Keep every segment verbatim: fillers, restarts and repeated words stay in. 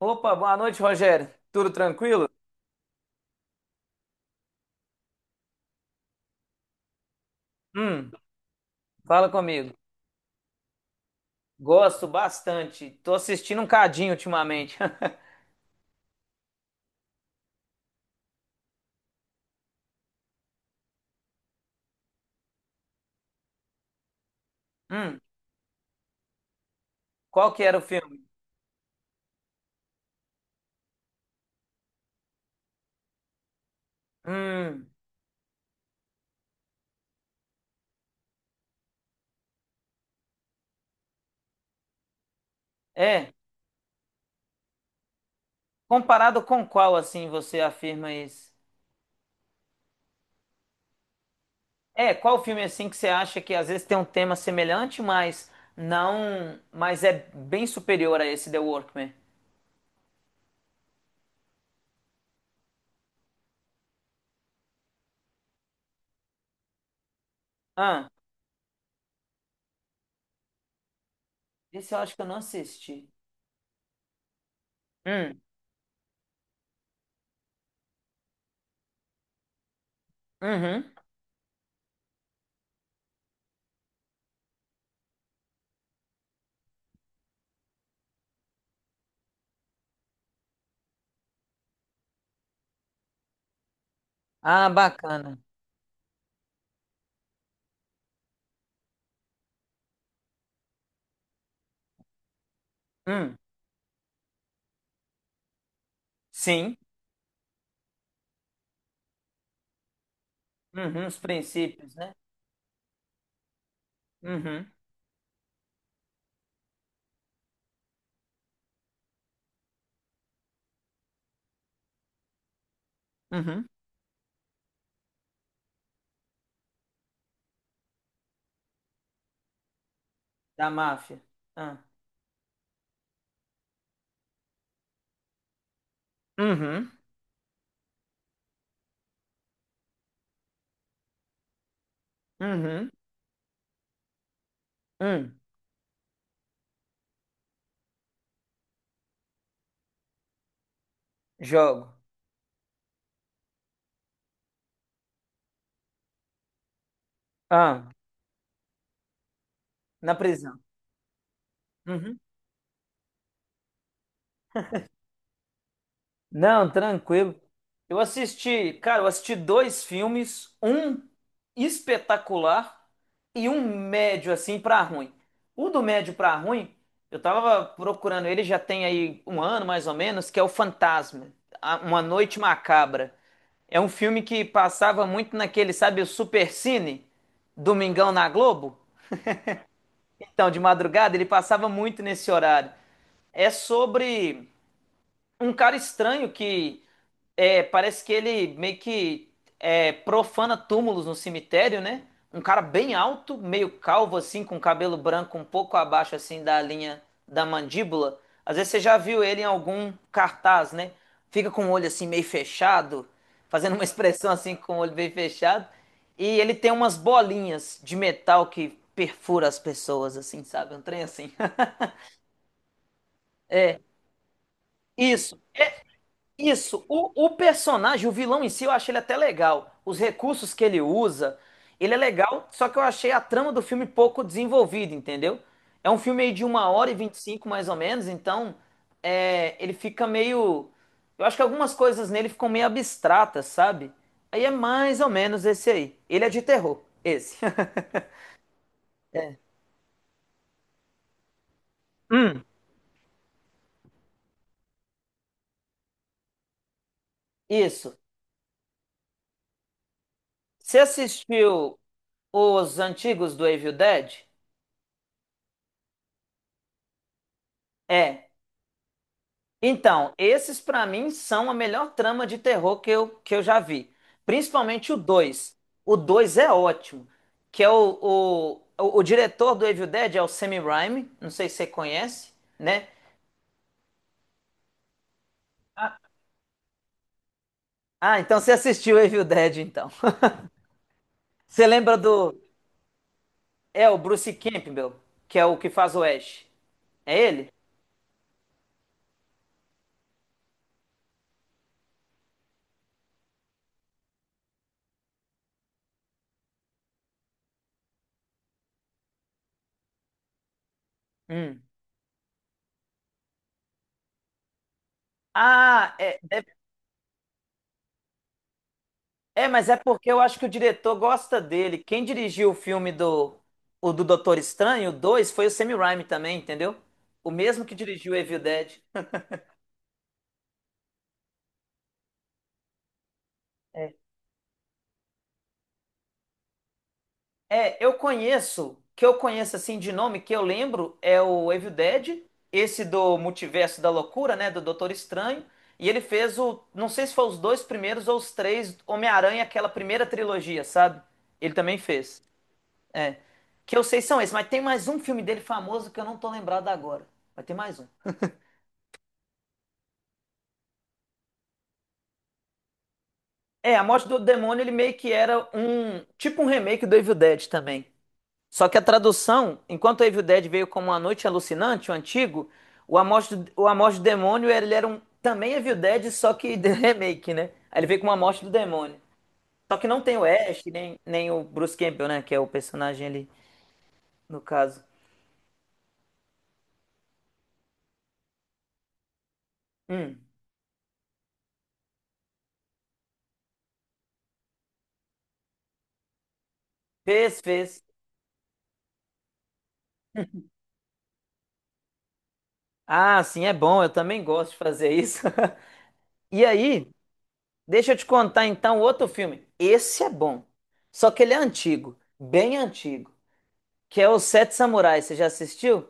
Opa, boa noite, Rogério. Tudo tranquilo? Hum, Fala comigo. Gosto bastante. Tô assistindo um cadinho ultimamente. Hum, Qual que era o filme? Hum, é. Comparado com qual, assim, você afirma isso? É, qual filme, assim, que você acha que às vezes tem um tema semelhante, mas não... Mas é bem superior a esse The Workman? Ah, esse eu acho que eu não assisti. Hum, uhum. Ah, bacana. Hum, sim. Uhum, os princípios, né? Uhum. Uhum. Da máfia. Ah, uhum. Uhum. Hum. Jogo. Ah. Na prisão. Uhum. Não, tranquilo. Eu assisti, cara, eu assisti dois filmes, um espetacular e um médio assim pra ruim. O do médio pra ruim, eu tava procurando ele já tem aí um ano mais ou menos, que é o Fantasma, A- Uma Noite Macabra. É um filme que passava muito naquele, sabe, o Supercine, Domingão na Globo. Então, de madrugada, ele passava muito nesse horário. É sobre um cara estranho que é, parece que ele meio que é, profana túmulos no cemitério, né? Um cara bem alto, meio calvo assim, com cabelo branco um pouco abaixo assim da linha da mandíbula. Às vezes você já viu ele em algum cartaz, né? Fica com o olho assim meio fechado, fazendo uma expressão assim com o olho bem fechado. E ele tem umas bolinhas de metal que perfura as pessoas, assim, sabe? Um trem assim. Isso. Isso, o, o personagem, o vilão em si, eu achei ele até legal. Os recursos que ele usa, ele é legal, só que eu achei a trama do filme pouco desenvolvida, entendeu? É um filme aí de uma hora e vinte e cinco, mais ou menos, então é, ele fica meio. Eu acho que algumas coisas nele ficam meio abstratas, sabe? Aí é mais ou menos esse aí. Ele é de terror, esse. Hum, isso. Você assistiu os antigos do Evil Dead? É. Então, esses pra mim são a melhor trama de terror que eu, que eu já vi. Principalmente o dois. O dois é ótimo. Que é o, o, o, o diretor do Evil Dead é o Sam Raimi. Não sei se você conhece, né? Ah, então você assistiu Evil Dead, então. Você lembra do... É o Bruce Campbell, que é o que faz o Ash. É ele? Hum. Ah, é, é É, mas é porque eu acho que o diretor gosta dele. Quem dirigiu o filme do o do Doutor Estranho, o dois, foi o Sam Raimi também, entendeu? O mesmo que dirigiu Evil Dead. É, eu conheço, que eu conheço assim de nome, que eu lembro é o Evil Dead, esse do Multiverso da Loucura, né, do Doutor Estranho, e ele fez o, não sei se foi os dois primeiros ou os três Homem-Aranha, aquela primeira trilogia, sabe? Ele também fez. É. Que eu sei são esses, mas tem mais um filme dele famoso que eu não tô lembrado agora. Vai ter mais um. É, A Morte do Demônio, ele meio que era um. Tipo um remake do Evil Dead também. Só que a tradução, enquanto o Evil Dead veio como A Noite Alucinante, o antigo, o A Morte do, o A Morte do Demônio, ele era um. Também Evil Dead, só que de remake, né? Aí ele veio com A Morte do Demônio. Só que não tem o Ash, nem, nem o Bruce Campbell, né? Que é o personagem ali, no caso. Hum, Fez, fez. Ah, sim, é bom, eu também gosto de fazer isso. E aí, deixa eu te contar então outro filme. Esse é bom. Só que ele é antigo, bem antigo, que é o Sete Samurais. Você já assistiu?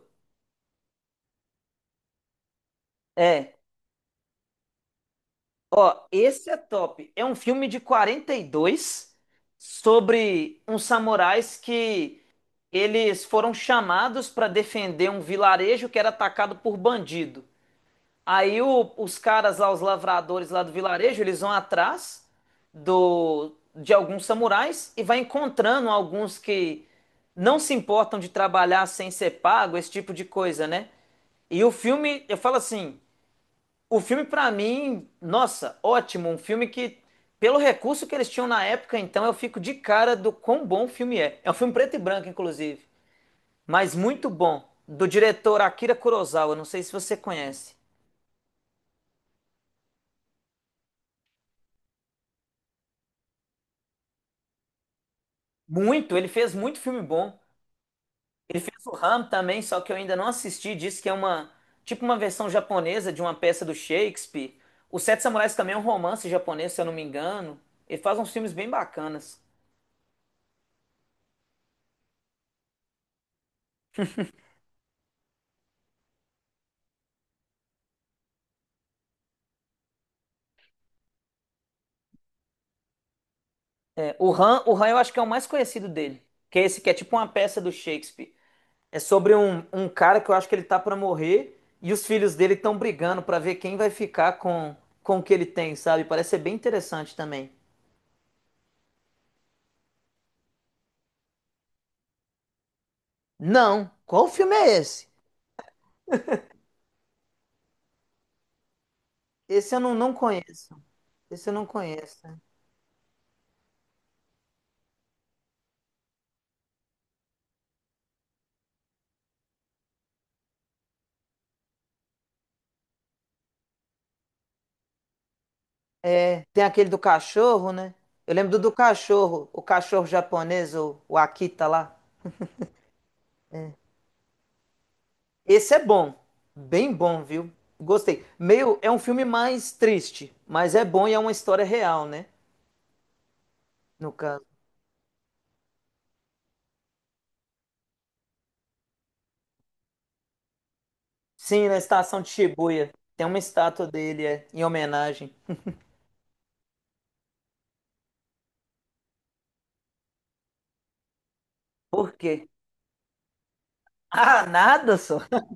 É. Ó, esse é top. É um filme de quarenta e dois sobre uns samurais que eles foram chamados para defender um vilarejo que era atacado por bandido. Aí o- os caras lá, os lavradores lá do vilarejo, eles vão atrás do, de alguns samurais e vai encontrando alguns que não se importam de trabalhar sem ser pago, esse tipo de coisa, né? E o filme, eu falo assim, o filme pra mim, nossa, ótimo, um filme que pelo recurso que eles tinham na época, então eu fico de cara do quão bom o filme é. É um filme preto e branco, inclusive, mas muito bom, do diretor Akira Kurosawa, não sei se você conhece. Muito, ele fez muito filme bom. Ele fez o Ram também, só que eu ainda não assisti. Diz que é uma, tipo uma versão japonesa de uma peça do Shakespeare. Os Sete Samurais também é um romance japonês, se eu não me engano. Ele faz uns filmes bem bacanas. É, o Ram, o Ram eu acho que é o mais conhecido dele, que é esse que é tipo uma peça do Shakespeare. É sobre um, um cara que eu acho que ele tá pra morrer e os filhos dele estão brigando pra ver quem vai ficar com com o que ele tem, sabe? Parece ser bem interessante também. Não, qual filme é esse? Esse eu não, não conheço. Esse eu não conheço. É, tem aquele do cachorro, né? Eu lembro do do cachorro, o cachorro japonês, o, o Akita lá. Esse é bom, bem bom, viu? Gostei. Meio, é um filme mais triste, mas é bom e é uma história real, né? No caso. Sim, na estação de Shibuya. Tem uma estátua dele, é, em homenagem. Por quê? Ah, nada só.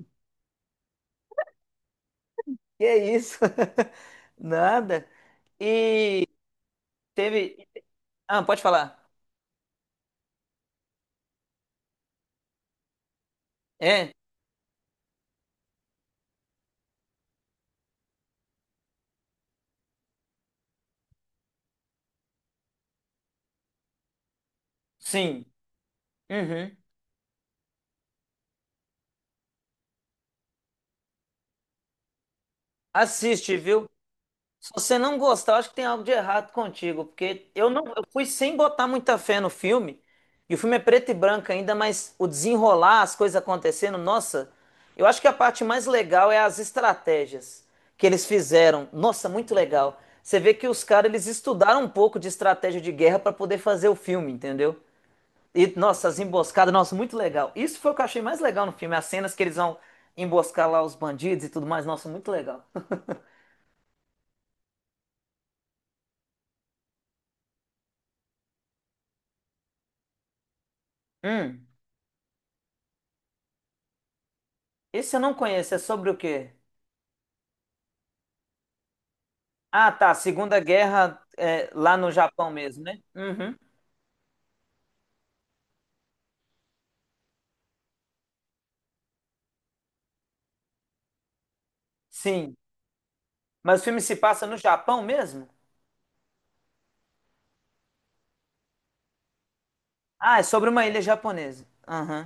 Que isso? Nada. E teve. Ah, pode falar. É. Sim. Uhum. Assiste, viu? Se você não gostar, eu acho que tem algo de errado contigo, porque eu não, eu fui sem botar muita fé no filme. E o filme é preto e branco ainda, mas o desenrolar, as coisas acontecendo, nossa, eu acho que a parte mais legal é as estratégias que eles fizeram. Nossa, muito legal. Você vê que os caras eles estudaram um pouco de estratégia de guerra para poder fazer o filme, entendeu? E, nossa, as emboscadas, nossa, muito legal. Isso foi o que eu achei mais legal no filme, as cenas que eles vão emboscar lá os bandidos e tudo mais, nossa, muito legal. Hum, Esse eu não conheço, é sobre o quê? Ah, tá, Segunda Guerra é, lá no Japão mesmo, né? Uhum, sim. Mas o filme se passa no Japão mesmo? Ah, é sobre uma ilha japonesa. Aham,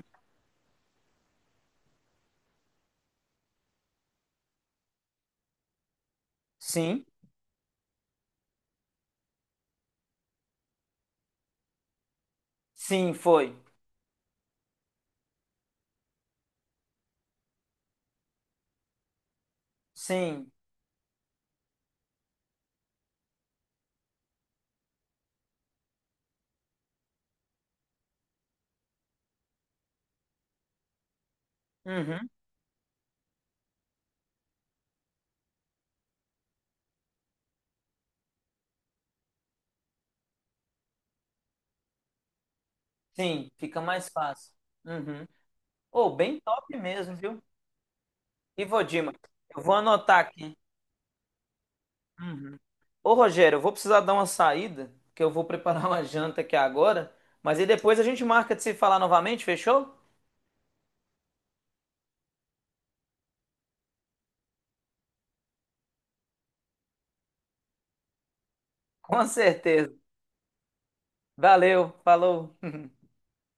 sim, sim, foi. Sim, uhum, sim, fica mais fácil. Uhum. Oh, bem top mesmo, viu? E Ivo Dima, eu vou anotar aqui. Uhum. Ô Rogério, eu vou precisar dar uma saída, que eu vou preparar uma janta aqui agora, mas aí depois a gente marca de se falar novamente, fechou? Com certeza. Valeu, falou.